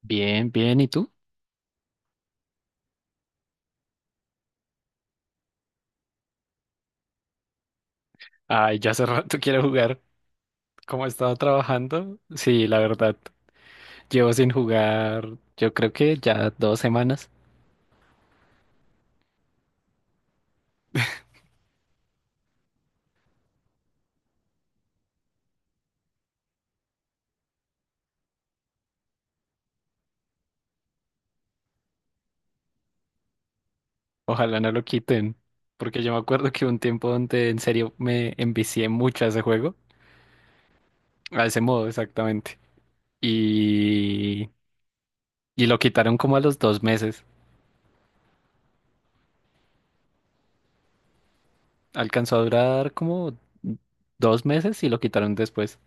Bien, bien, ¿y tú? Ay, ya hace rato quiero jugar. Como he estado trabajando, sí, la verdad, llevo sin jugar, yo creo que ya 2 semanas. Ojalá no lo quiten, porque yo me acuerdo que hubo un tiempo donde en serio me envicié mucho a ese juego, a ese modo exactamente. Y, y lo quitaron como a los 2 meses. Alcanzó a durar como 2 meses y lo quitaron después.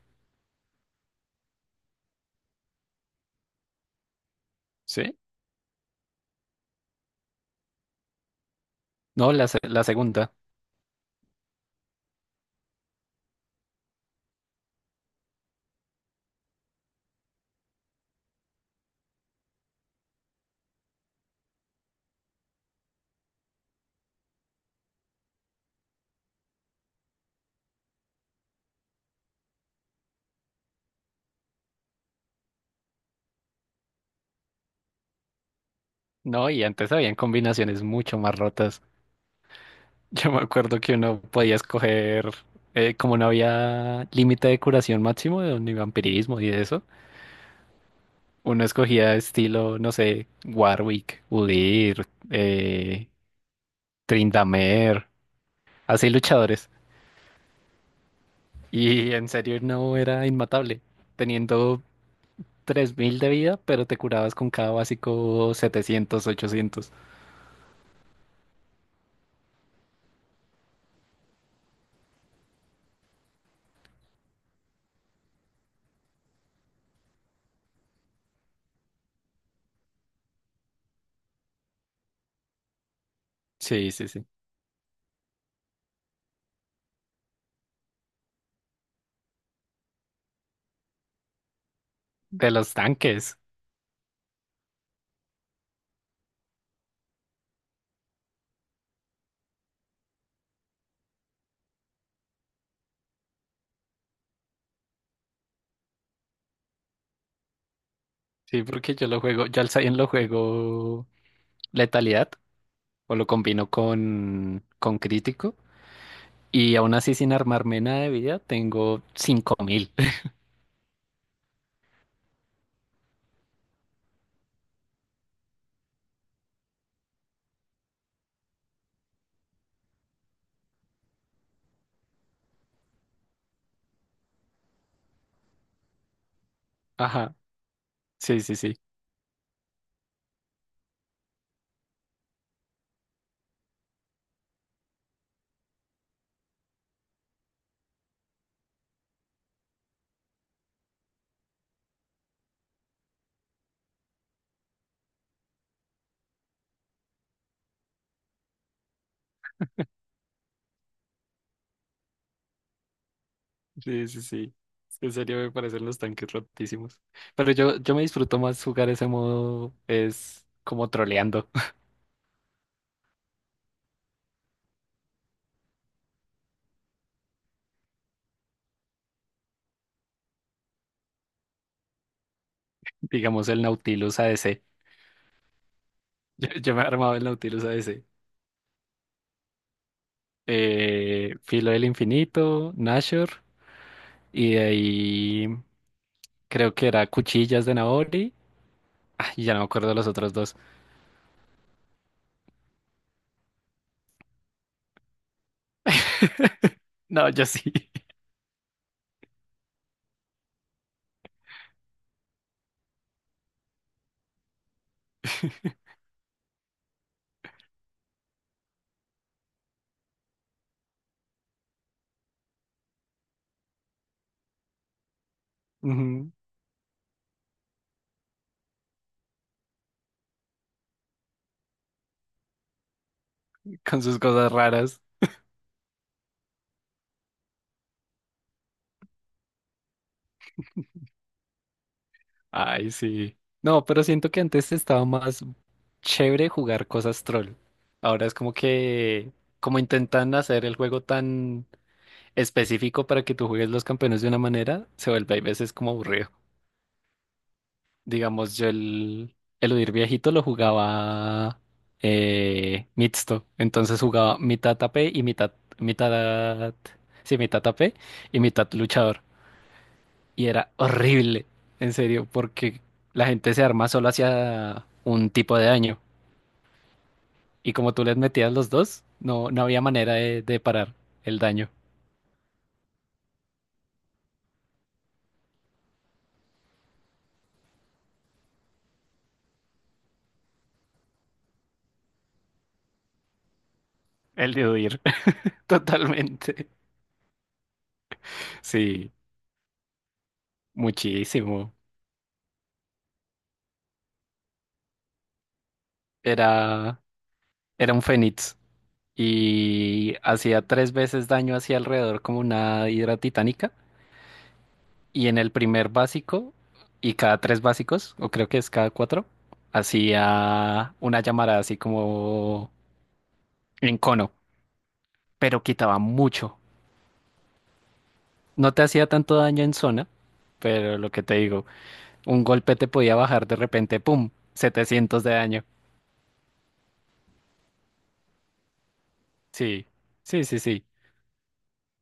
¿Sí? No, la, la segunda. No, y antes habían combinaciones mucho más rotas. Yo me acuerdo que uno podía escoger, como no había límite de curación máximo de ni vampirismo y de eso, uno escogía estilo, no sé, Warwick, Udyr, eh, Tryndamere, así luchadores. Y en serio no era inmatable, teniendo 3000 de vida, pero te curabas con cada básico 700 800. Sí, sí, sí. De los tanques. Sí, porque yo lo juego, yo al Zayn lo juego letalidad o lo combino con, crítico. Y aún así, sin armarme nada de vida, tengo 5000. Ajá, sí, sí, sí. Sí, sí, sí. En serio me parecen los tanques rotísimos. Pero yo, me disfruto más jugar ese modo, es como troleando, digamos el Nautilus ADC. Yo, me he armado el Nautilus ADC. Filo del Infinito, Nashor, y de ahí creo que era Cuchillas de Naori. Ah, y ya no me acuerdo los otros dos. No, yo sí. Ujú. Con sus cosas raras. Ay, sí. No, pero siento que antes estaba más chévere jugar cosas troll. Ahora es como que, como intentan hacer el juego tan específico para que tú juegues los campeones de una manera, se vuelve a veces como aburrido. Digamos, yo el eludir viejito lo jugaba mixto. Entonces jugaba mitad AP y mitad, mitad, sí, mitad AP y mitad luchador. Y era horrible, en serio, porque la gente se arma solo hacia un tipo de daño. Y como tú les metías los dos, no, no había manera de, parar el daño, el de huir, totalmente. Sí, muchísimo. Era, era un fénix y hacía 3 veces daño hacia alrededor como una hidra titánica. Y en el primer básico, y cada 3 básicos, o creo que es cada cuatro, hacía una llamarada así como en cono, pero quitaba mucho. No te hacía tanto daño en zona, pero lo que te digo, un golpe te podía bajar de repente, ¡pum! 700 de daño. Sí, sí, sí, sí.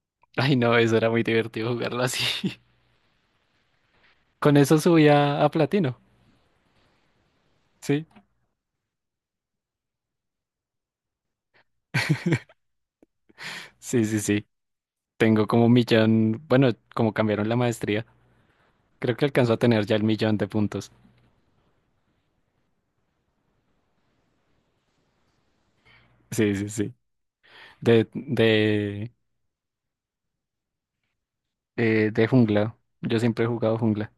Ay, no, eso era muy divertido jugarlo así. Con eso subía a platino. Sí, sí, sí, sí. Tengo como un millón, bueno, como cambiaron la maestría, creo que alcanzó a tener ya el millón de puntos. Sí, sí, sí. De, de, de jungla. Yo siempre he jugado jungla.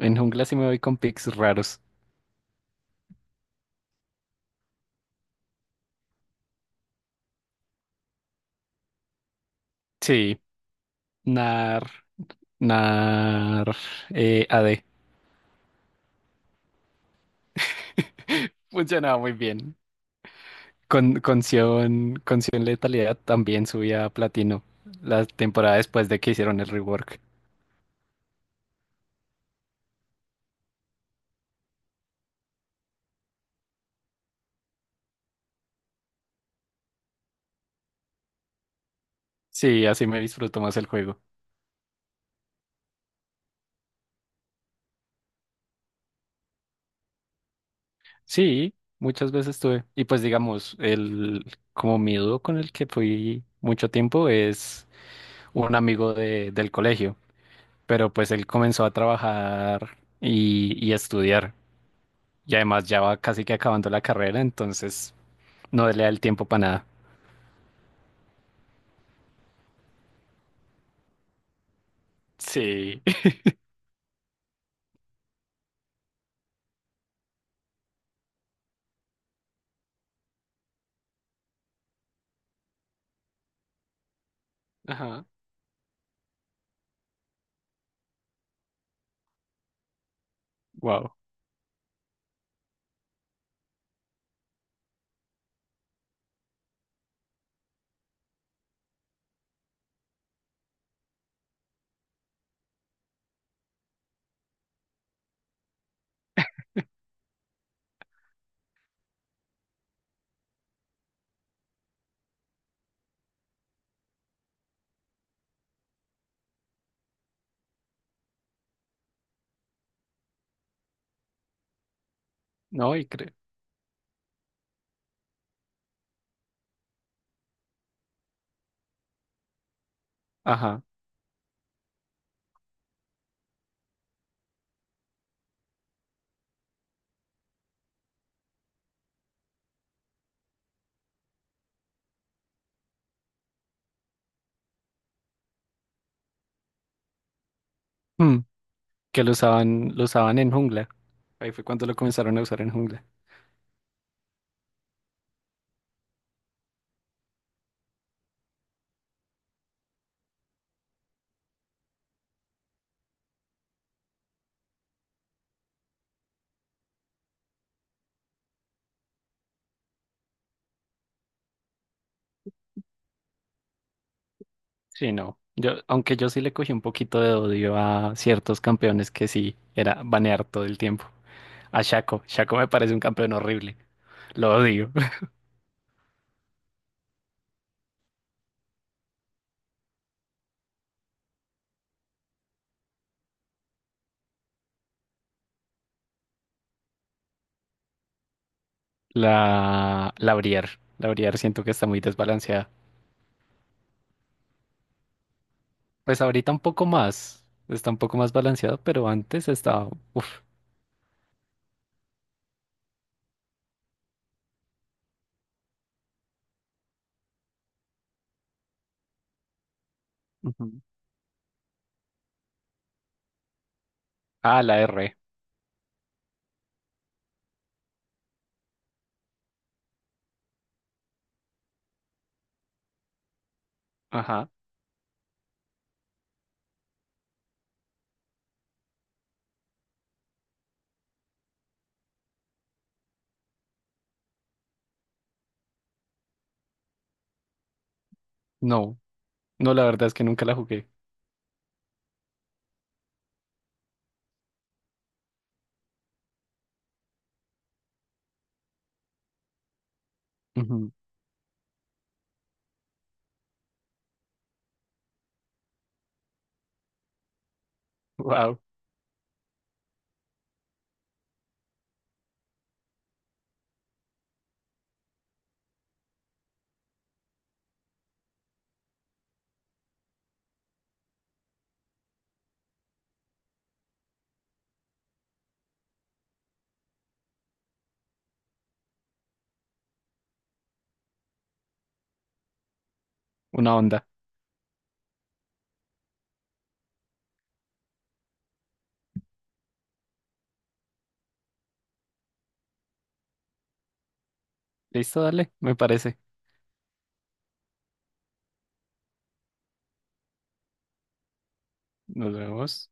En jungla sí me voy con picks raros. Sí, nar. Nar, AD. Funcionaba muy bien. Con Sion, con Sion Letalidad también subía a platino la temporada después de que hicieron el rework. Sí, así me disfruto más el juego. Sí, muchas veces tuve. Y pues digamos, el como mi dúo con el que fui mucho tiempo es un amigo del colegio, pero pues él comenzó a trabajar y a estudiar. Y además ya va casi que acabando la carrera, entonces no le da el tiempo para nada. Sí. Ajá. Wow. No, y creo. Ajá. Mm, Que lo usaban en jungla. Ahí fue cuando lo comenzaron a usar en jungla. Sí, no. Aunque yo sí le cogí un poquito de odio a ciertos campeones que sí era banear todo el tiempo. A Shaco. Shaco me parece un campeón horrible. Lo odio. La Briar. La Briar siento que está muy desbalanceada. Pues ahorita un poco más. Está un poco más balanceado, pero antes estaba. Uf. Ujú. Ah, la R. Ajá. No. No, la verdad es que nunca la jugué. Wow, una onda. Listo, dale, me parece. Nos vemos.